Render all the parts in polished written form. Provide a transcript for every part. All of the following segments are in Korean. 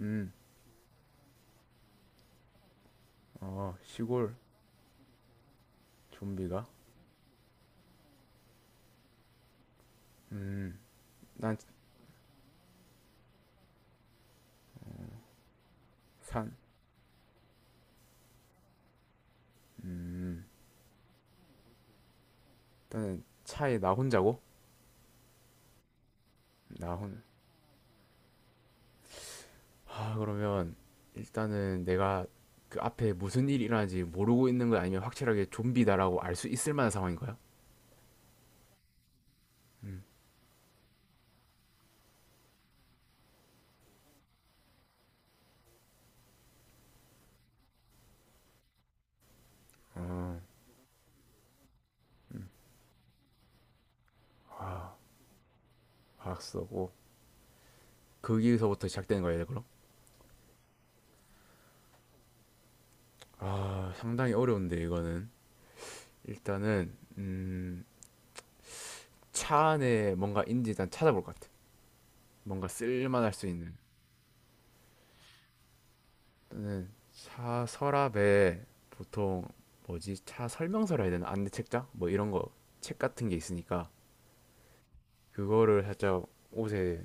음. 어, 시골. 좀비가? 음. 난 산. 음. 일단은 차에 나 혼자고? 나 혼. 아, 그러면 일단은 내가 그 앞에 무슨 일이 일어나는지 모르고 있는 거 아니면 확실하게 좀비다라고 알 수 있을 만한 상황인 거야? 음. 어. 아, 알았어. 고 거기서부터 시작되는 거야, 그럼? 아, 상당히 어려운데 이거는. 일단은 차 안에 뭔가 있는지 일단 찾아볼 것 같아. 뭔가 쓸만할 수 있는. 저는 차 서랍에 보통 뭐지? 차 설명서라 해야 되나? 안내 책장? 뭐 이런 거, 책 같은 게 있으니까 그거를 살짝 옷에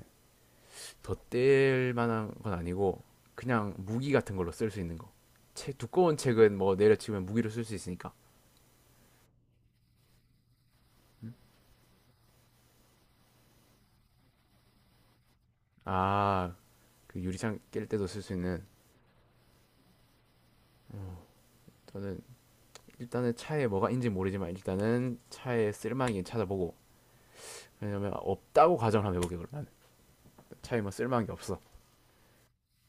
덧댈 만한 건 아니고 그냥 무기 같은 걸로 쓸 수 있는 거. 책, 두꺼운 책은 뭐 내려치면 무기로 쓸 수 있으니까. 아, 그 유리창 깰 때도 쓸 수 있는. 저는 일단은 차에 뭐가 있는지 모르지만 일단은 차에 쓸만한 게 찾아보고. 왜냐면 없다고 가정을 한번 해볼게요, 그러면. 차에 뭐 쓸만한 게 없어.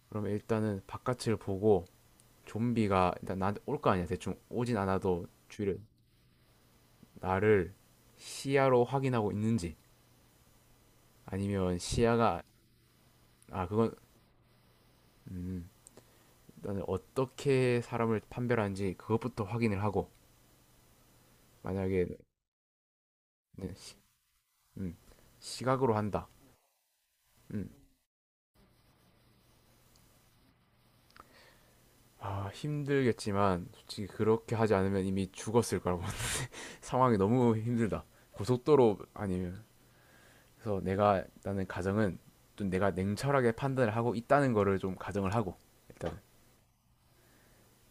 그러면 일단은 바깥을 보고 좀비가 일단 나한테 올 거 아니야. 대충 오진 않아도 주위를. 나를 시야로 확인하고 있는지 아니면 시야가. 아, 그건. 음, 일단 어떻게 사람을 판별하는지 그것부터 확인을 하고 만약에. 네, 음, 시각으로 한다. 음. 아, 힘들겠지만 솔직히 그렇게 하지 않으면 이미 죽었을 거라고 상황이 너무 힘들다. 고속도로 아니면. 그래서 내가 나는 가정은, 좀 내가 냉철하게 판단을 하고 있다는 거를 좀 가정을 하고 일단.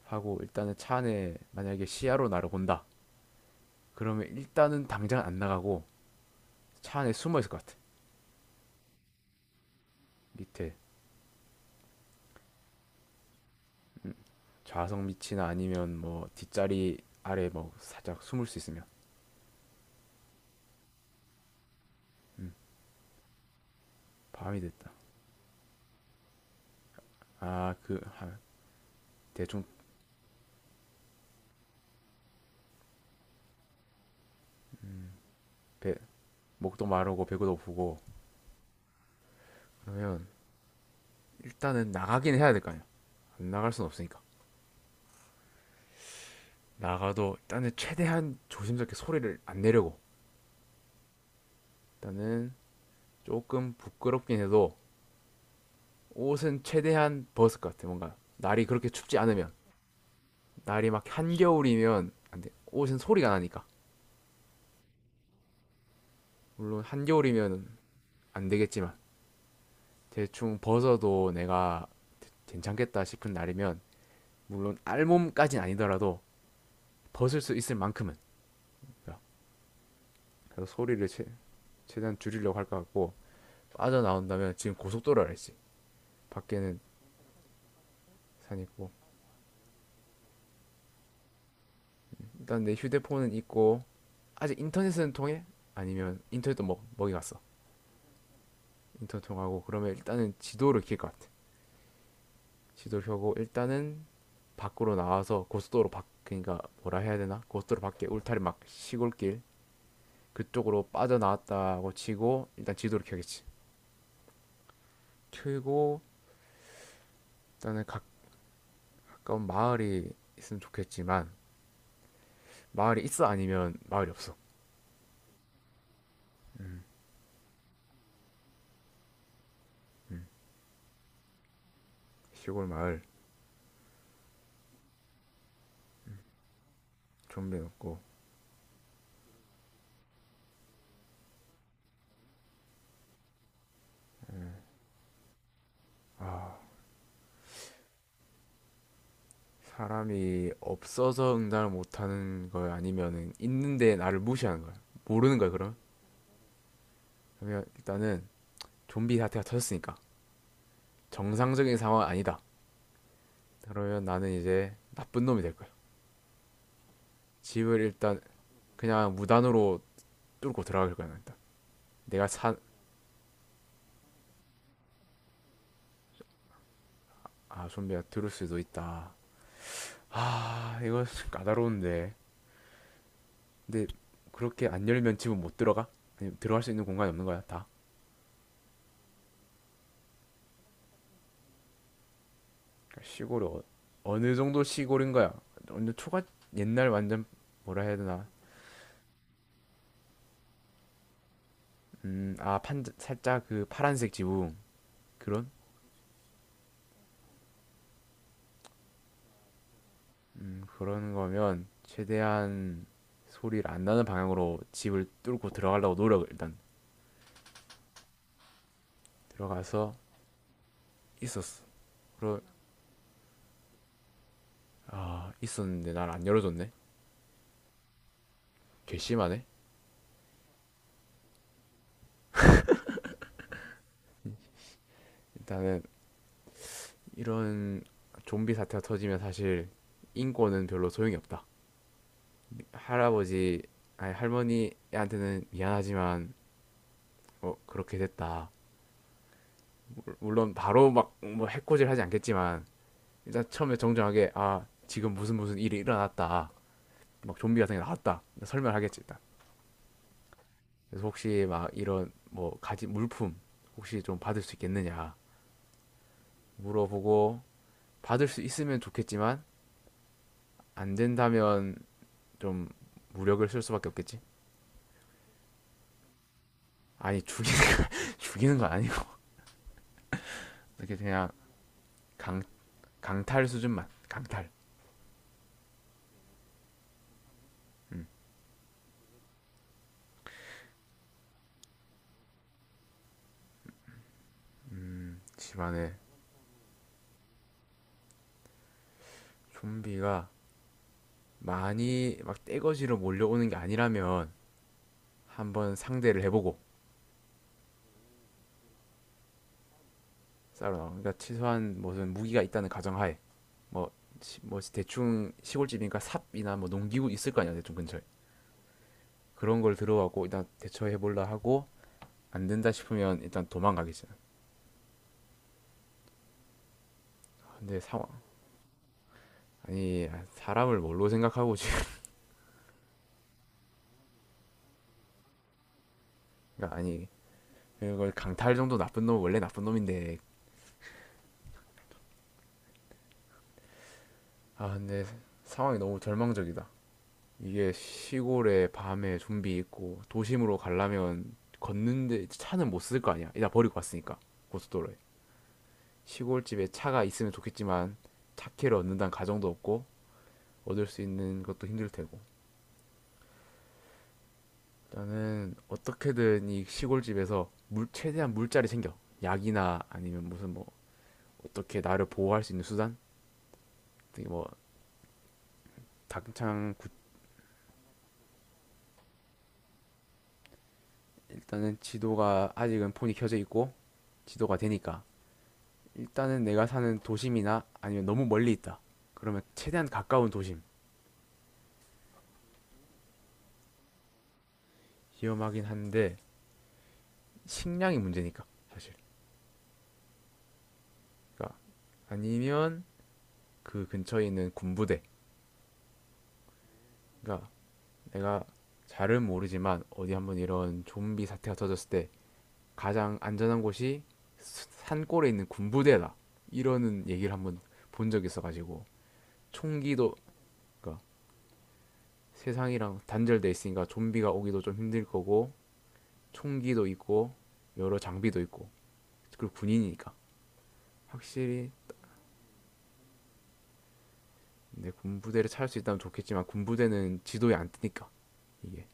하고 일단은 차 안에 만약에 시야로 나를 본다. 그러면 일단은 당장 안 나가고 차 안에 숨어 있을 것 같아. 밑에. 좌석 밑이나 아니면 뭐 뒷자리 아래 뭐 살짝 숨을 수 있으면. 밤이 됐다. 아, 그, 아, 대충 배, 목도 마르고 배고도 부고. 그러면 일단은 나가긴 해야 될 거 아니야. 안 나갈 순 없으니까. 나가도 일단은 최대한 조심스럽게 소리를 안 내려고. 일단은 조금 부끄럽긴 해도 옷은 최대한 벗을 것 같아. 뭔가 날이 그렇게 춥지 않으면. 날이 막 한겨울이면 안 돼. 옷은 소리가 나니까. 물론 한겨울이면 안 되겠지만 대충 벗어도 내가 괜찮겠다 싶은 날이면, 물론 알몸까진 아니더라도 벗을 수 있을 만큼은. 그래서 소리를 최대한 줄이려고 할 것 같고. 빠져나온다면, 지금 고속도로라 했지. 밖에는. 산 있고. 일단 내 휴대폰은 있고. 아직 인터넷은 통해? 아니면 인터넷도 먹이 갔어? 인턴 통하고, 그러면 일단은 지도를 켤 것 같아. 지도를 켜고 일단은 밖으로 나와서 고속도로 밖, 그러니까 뭐라 해야 되나? 고속도로 밖에 울타리 막 시골길, 그쪽으로 빠져나왔다고 치고 일단 지도를 켜겠지. 켜고 일단은 가까운 마을이 있으면 좋겠지만, 마을이 있어 아니면 마을이 없어. 시골 마을. 좀비 없고. 사람이 없어서 응답을 못하는 거야, 아니면은 있는데 나를 무시하는 거야, 모르는 거야 그럼? 그러면 일단은 좀비 사태가 터졌으니까 정상적인 상황 아니다. 그러면 나는 이제 나쁜 놈이 될 거야. 집을 일단 그냥 무단으로 뚫고 들어갈 거야. 일단 내가 산. 아, 좀비가 들을 수도 있다. 아, 이거 까다로운데. 근데 그렇게 안 열면 집은 못 들어가? 아니, 들어갈 수 있는 공간이 없는 거야, 다? 그러니까 시골이 어느 정도 시골인 거야? 완전 초가. 옛날 완전 뭐라 해야 되나? 판 살짝 그 파란색 지붕. 그런 그런 거면 최대한 소리를 안 나는 방향으로 집을 뚫고 들어가려고 노력을 일단. 들어가서. 있었어. 그러 아, 있었는데 날 안 열어줬네. 괘씸하네. 일단은 이런 좀비 사태가 터지면 사실 인권은 별로 소용이 없다. 할아버지, 아니, 할머니한테는 미안하지만 어, 그렇게 됐다. 물- 론 바로 막 뭐 해코지를 하지 않겠지만, 일단 처음에 정정하게. 아, 지금 무슨 무슨 일이 일어났다, 막 좀비 같은 게 나왔다, 설명하겠지 일단. 그래서 혹시 막 이런 뭐 가지 물품 혹시 좀 받을 수 있겠느냐 물어보고, 받을 수 있으면 좋겠지만 안 된다면 좀 무력을 쓸 수밖에 없겠지. 아니, 죽이는 거, 죽이는 건 아니고 이렇게 그냥 강 강탈 수준만 강탈. 음. 집안에 좀비가 많이 막 떼거지로 몰려오는 게 아니라면 한번 상대를 해보고. 쌀로 나온. 그러니까 최소한 무슨 무기가 있다는 가정하에, 뭐, 뭐 대충 시골집이니까 삽이나 뭐 농기구 있을 거 아니야 대충 근처에. 그런 걸 들어가고 일단 대처해 볼라 하고, 안 된다 싶으면 일단 도망가겠지. 근데 상황. 아니, 사람을 뭘로 생각하고 지금. 그러니까, 아니, 이걸 강탈 정도, 나쁜 놈은 원래 나쁜 놈인데. 아, 근데 상황이 너무 절망적이다. 이게 시골에 밤에 좀비 있고 도심으로 가려면 걷는데 차는 못 쓸 거 아니야, 일단 버리고 왔으니까. 고속도로에. 시골집에 차가 있으면 좋겠지만 차키를 얻는다는 가정도 없고 얻을 수 있는 것도 힘들 테고. 나는 어떻게든 이 시골집에서 물 최대한 물자리 챙겨 약이나 아니면 무슨 뭐 어떻게 나를 보호할 수 있는 수단, 뭐 당장 일단은 지도가 아직은 폰이 켜져 있고 지도가 되니까 일단은 내가 사는 도심이나, 아니면 너무 멀리 있다 그러면 최대한 가까운 도심. 위험하긴 한데 식량이 문제니까 사실. 그러니까. 아니면 그 근처에 있는 군부대. 그러니까 내가 잘은 모르지만, 어디 한번 이런 좀비 사태가 터졌을 때 가장 안전한 곳이 산골에 있는 군부대다, 이러는 얘기를 한번 본 적이 있어가지고. 총기도. 그러니까 세상이랑 단절돼 있으니까 좀비가 오기도 좀 힘들 거고, 총기도 있고, 여러 장비도 있고, 그리고 군인이니까 확실히. 내 군부대를 찾을 수 있다면 좋겠지만 군부대는 지도에 안 뜨니까 이게.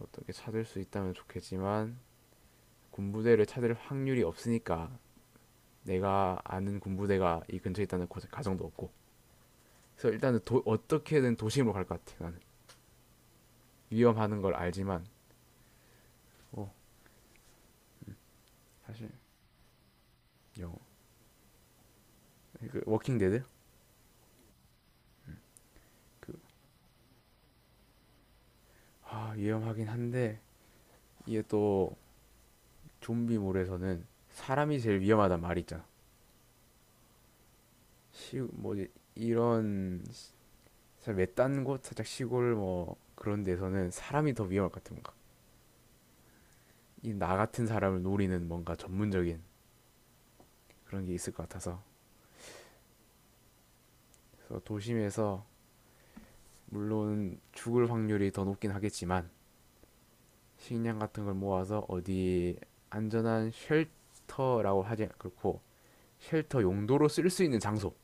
어떻게 찾을 수 있다면 좋겠지만 군부대를 찾을 확률이 없으니까, 내가 아는 군부대가 이 근처에 있다는 가정도 없고. 그래서 일단은 어떻게든 도심으로 갈 것 같아 나는. 위험하는 걸 알지만, 어. 사실 영어, 그 워킹 데드, 그. 아, 위험하긴 한데 이게 또 좀비몰에서는 사람이 제일 위험하단 말이 있잖아. 시뭐 이런 살 외딴 곳, 살짝 시골 뭐 그런 데서는 사람이 더 위험할 것 같아 뭔가. 이 나 같은 사람을 노리는 뭔가 전문적인 그런 게 있을 것 같아서. 그래서 도심에서 물론 죽을 확률이 더 높긴 하겠지만, 식량 같은 걸 모아서 어디 안전한, 쉘터라고 하지 않고 쉘터 용도로 쓸 수 있는 장소,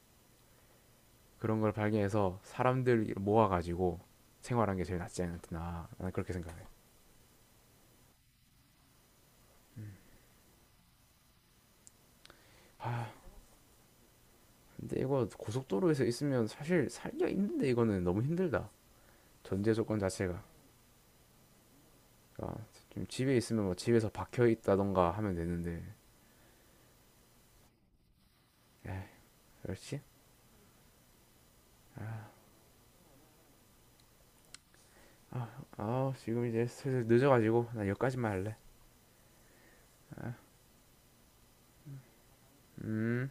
그런 걸 발견해서 사람들 모아가지고 생활한 게 제일 낫지 않나, 나는 그렇게 생각해. 아, 근데 이거 고속도로에서 있으면 사실 살기가 힘든데, 이거는 너무 힘들다. 전제 조건 자체가. 그러니까 좀 집에 있으면 뭐 집에서 박혀 있다던가 하면 되는데. 에이, 그렇지? 아, 아, 지금 이제 슬슬 늦어가지고 나 여기까지만 할래. 음.